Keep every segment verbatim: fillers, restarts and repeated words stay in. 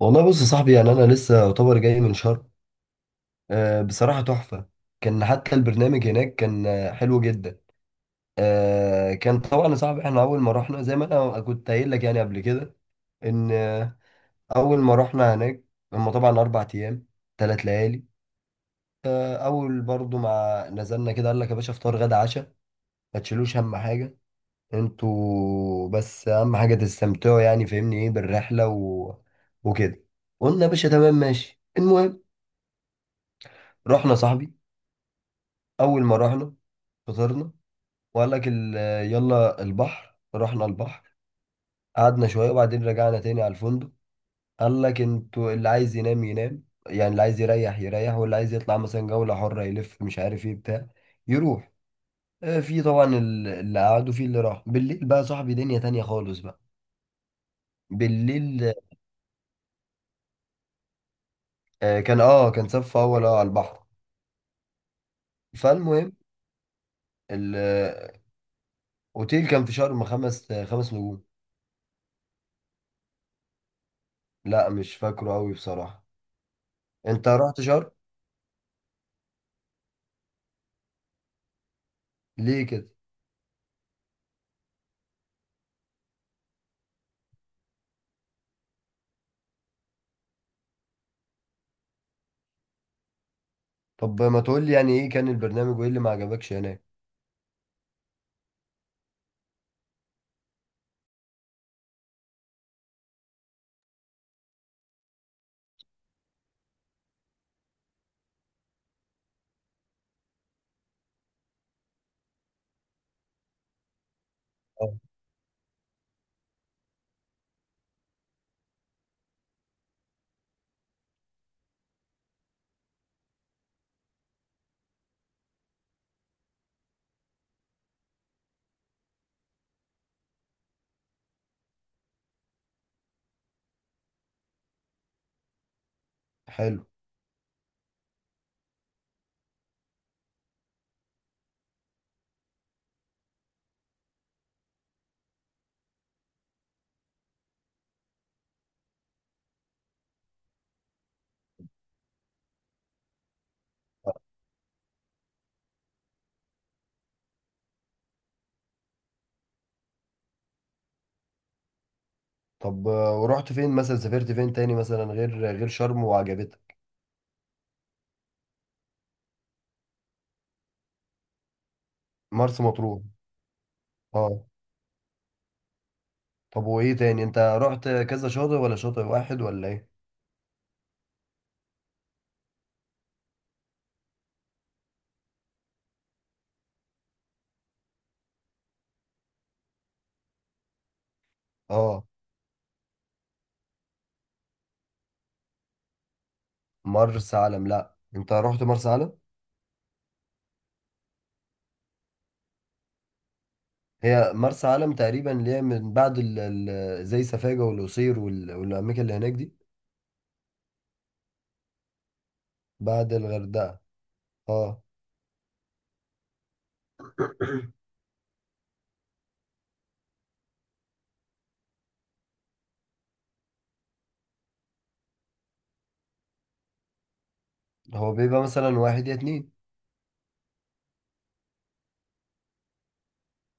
والله بص يا صاحبي، يعني انا لسه يعتبر جاي من شرم. آه، بصراحه تحفه. كان حتى البرنامج هناك كان آه، حلو جدا. آه، كان طبعا يا صاحبي، احنا اول ما رحنا زي ما انا كنت قايل لك يعني قبل كده، ان آه، اول ما رحنا هناك. هم طبعا اربع ايام ثلاث ليالي. آه، اول برضو ما نزلنا كده، قال لك يا باشا فطار غدا عشاء ما تشيلوش اهم حاجه، انتوا بس اهم حاجه تستمتعوا، يعني فاهمني ايه بالرحله و... وكده. قلنا يا باشا تمام ماشي. المهم رحنا يا صاحبي، اول ما رحنا فطرنا، وقال لك ال- يلا البحر. رحنا البحر، قعدنا شويه وبعدين رجعنا تاني على الفندق. قال لك انتوا اللي عايز ينام ينام، يعني اللي عايز يريح يريح، واللي عايز يطلع مثلا جوله حره يلف مش عارف ايه بتاع يروح. آه، في طبعا ال- اللي قعد وفي اللي راح بالليل، بقى صاحبي دنيا تانية خالص بقى بالليل. آه، كان اه كان صف اول اه على البحر. فالمهم الاوتيل كان في شرم خمس آه، خمس نجوم. لا مش فاكره قوي بصراحه. انت رحت شرم؟ ليه كده؟ طب ما تقول لي يعني ايه كان البرنامج وايه اللي ما عجبكش هناك. آه. حلو. طب آه، ورحت فين مثلا؟ سافرت فين تاني مثلا غير غير شرم وعجبتك؟ مرسى مطروح. اه. طب وايه تاني؟ انت رحت كذا شاطئ ولا شاطئ واحد ولا ايه؟ اه. مرسى علم، لا انت رحت مرسى علم. هي مرسى علم تقريبا اللي هي من بعد ال ال زي سفاجة والقصير وال- والاماكن اللي هناك دي. بعد الغردقة. اه. هو بيبقى مثلا واحد يا اتنين.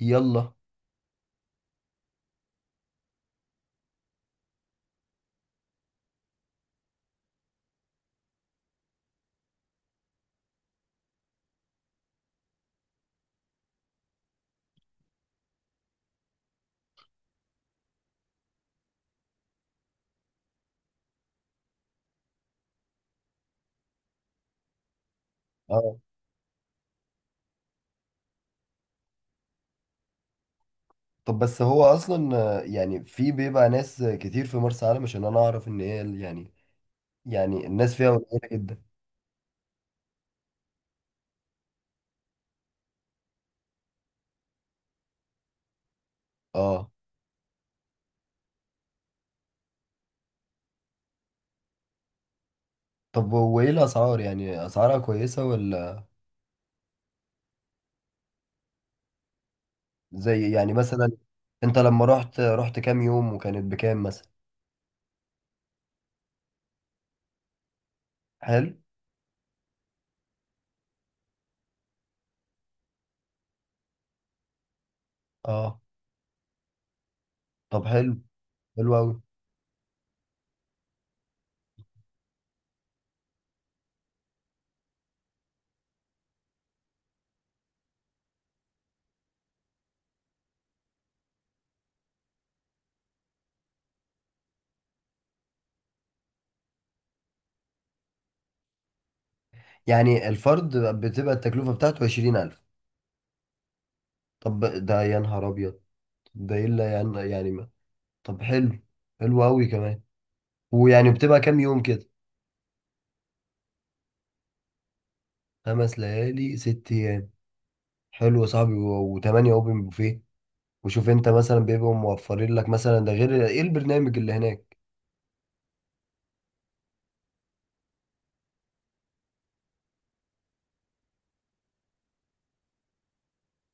يلا. اه. طب بس هو اصلا آه، يعني في بيبقى ناس كتير في مرسى علم؟ عشان انا اعرف ان هي ال- يعني، يعني الناس فيها قليله جدا. اه. طب وايه الاسعار؟ يعني اسعارها كويسه ولا؟ زي يعني مثلا، انت لما رحت، رحت كام يوم وكانت بكام مثلا؟ حلو. اه. طب حلو حلو قوي. يعني الفرد بتبقى التكلفه بتاعته عشرين ألف؟ طب ده يا نهار ابيض، ده الا يعني يعني ما. طب حلو حلو قوي كمان. ويعني بتبقى كام يوم كده؟ خمس ليالي ست. حلو يا صاحبي. وتمانية اوبن بوفيه، وشوف انت مثلا بيبقوا موفرين لك مثلا ده غير ايه البرنامج اللي هناك.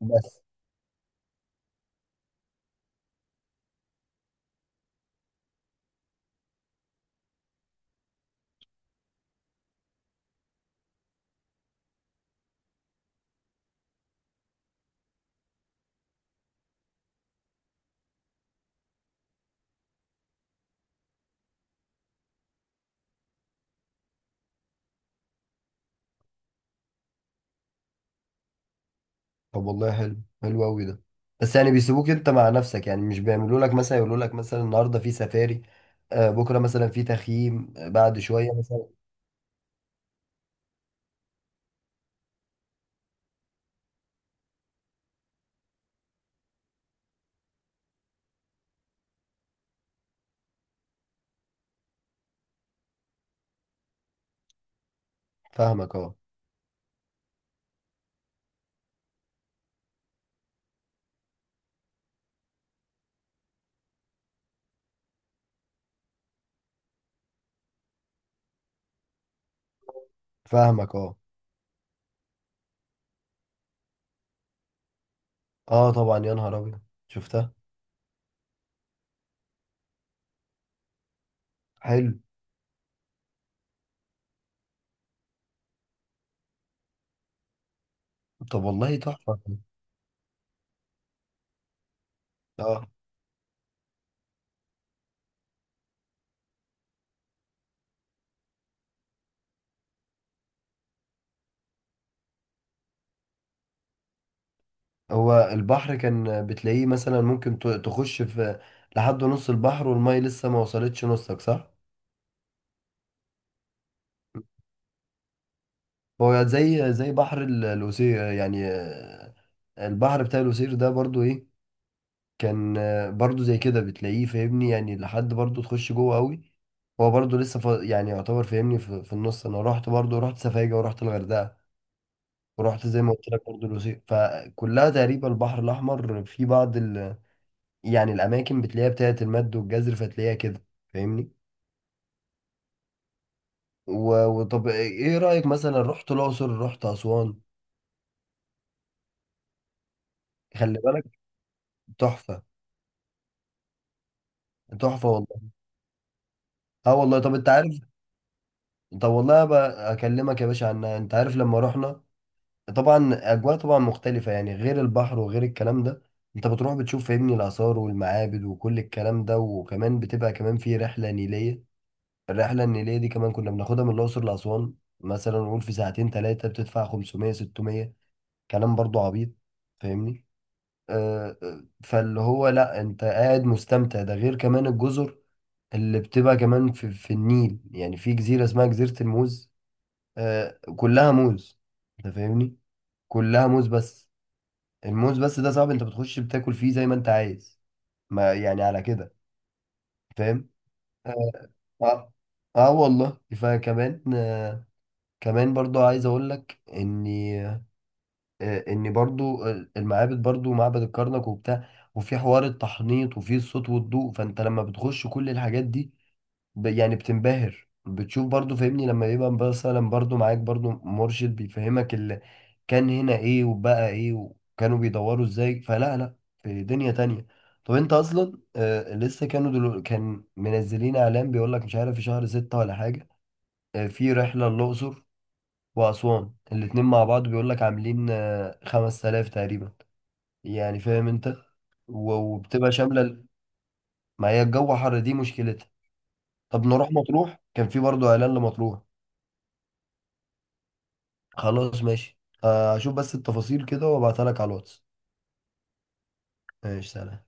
بس. طب والله حلو حلو قوي ده. بس يعني بيسيبوك انت مع نفسك؟ يعني مش بيعملوا لك مثلا، يقولوا لك مثلا النهارده في سفاري، آه بكره مثلا في تخييم، آه، بعد شويه مثلا. فاهمك اه. فاهمك اه. اه طبعا يا نهار ابيض، شفتها. حلو. طب والله تحفه. اه. هو البحر كان بتلاقيه مثلا ممكن ت- تخش في لحد نص البحر والميه لسه ما وصلتش نصك، صح؟ هو زي زي بحر ال- القصير يعني. آه، البحر بتاع القصير ده برضو ايه، كان آه، برضو زي كده بتلاقيه فاهمني، يعني لحد برضو تخش جوه قوي. هو برضو لسه ف... يعني يعتبر فاهمني في... في النص. انا رحت برضو، رحت سفاجة ورحت الغردقة، ورحت زي ما قلت لك برضو القصير، فكلها تقريبا البحر الاحمر في بعض ال... يعني الاماكن بتلاقيها بتاعت المد والجزر فتلاقيها كده فاهمني. و... وطب ايه رأيك مثلا، رحت الاقصر، رحت اسوان؟ خلي بالك، تحفة. تحفة والله. اه والله. طب انت عارف. طب والله بقى اكلمك يا باشا عنها. انت عارف لما رحنا، طبعا اجواء طبعا مختلفة يعني، غير البحر وغير الكلام ده، انت بتروح بتشوف فاهمني الاثار والمعابد وكل الكلام ده، وكمان بتبقى كمان في رحلة نيلية. الرحلة النيلية دي كمان كنا بناخدها من الاقصر لاسوان. مثلا نقول في ساعتين ثلاثة، بتدفع خمسمية ستمية، كلام برضو عبيط فاهمني. آه آه، فاللي هو لا، انت قاعد مستمتع، ده غير كمان الجزر اللي بتبقى كمان في, في النيل. يعني في جزيرة اسمها جزيرة الموز، آه كلها موز انت فاهمني، كلها موز بس، الموز بس ده صعب، انت بتخش بتاكل فيه زي ما انت عايز، ما يعني على كده، فاهم. اه. اه. آه والله فكمان، آه كمان برضو عايز اقول لك اني آه اني برضو آه، المعابد برضو، معبد الكرنك وبتاع، وفي حوار التحنيط وفي الصوت والضوء. فانت لما بتخش كل الحاجات دي، ب- يعني بتنبهر، بتشوف برضو فاهمني لما يبقى مثلا برضو معاك برضو مرشد بيفهمك اللي كان هنا ايه وبقى ايه وكانوا بيدوروا ازاي، فلا لا، في دنيا تانية. طب انت اصلا آه لسه كانوا دلو... كان منزلين اعلان بيقول لك مش عارف في شهر ستة ولا حاجة، آه في رحلة للأقصر وأسوان الاتنين مع بعض، بيقول لك عاملين آه خمسة آلاف تقريبا يعني فاهم انت، و- وبتبقى شاملة ال- ما هي الجو حر دي مشكلتها. طب نروح مطروح، كان في برضو اعلان لمطروح. خلاص ماشي. آه، هشوف بس التفاصيل كده وابعتها لك على الواتس. ماشي سلام.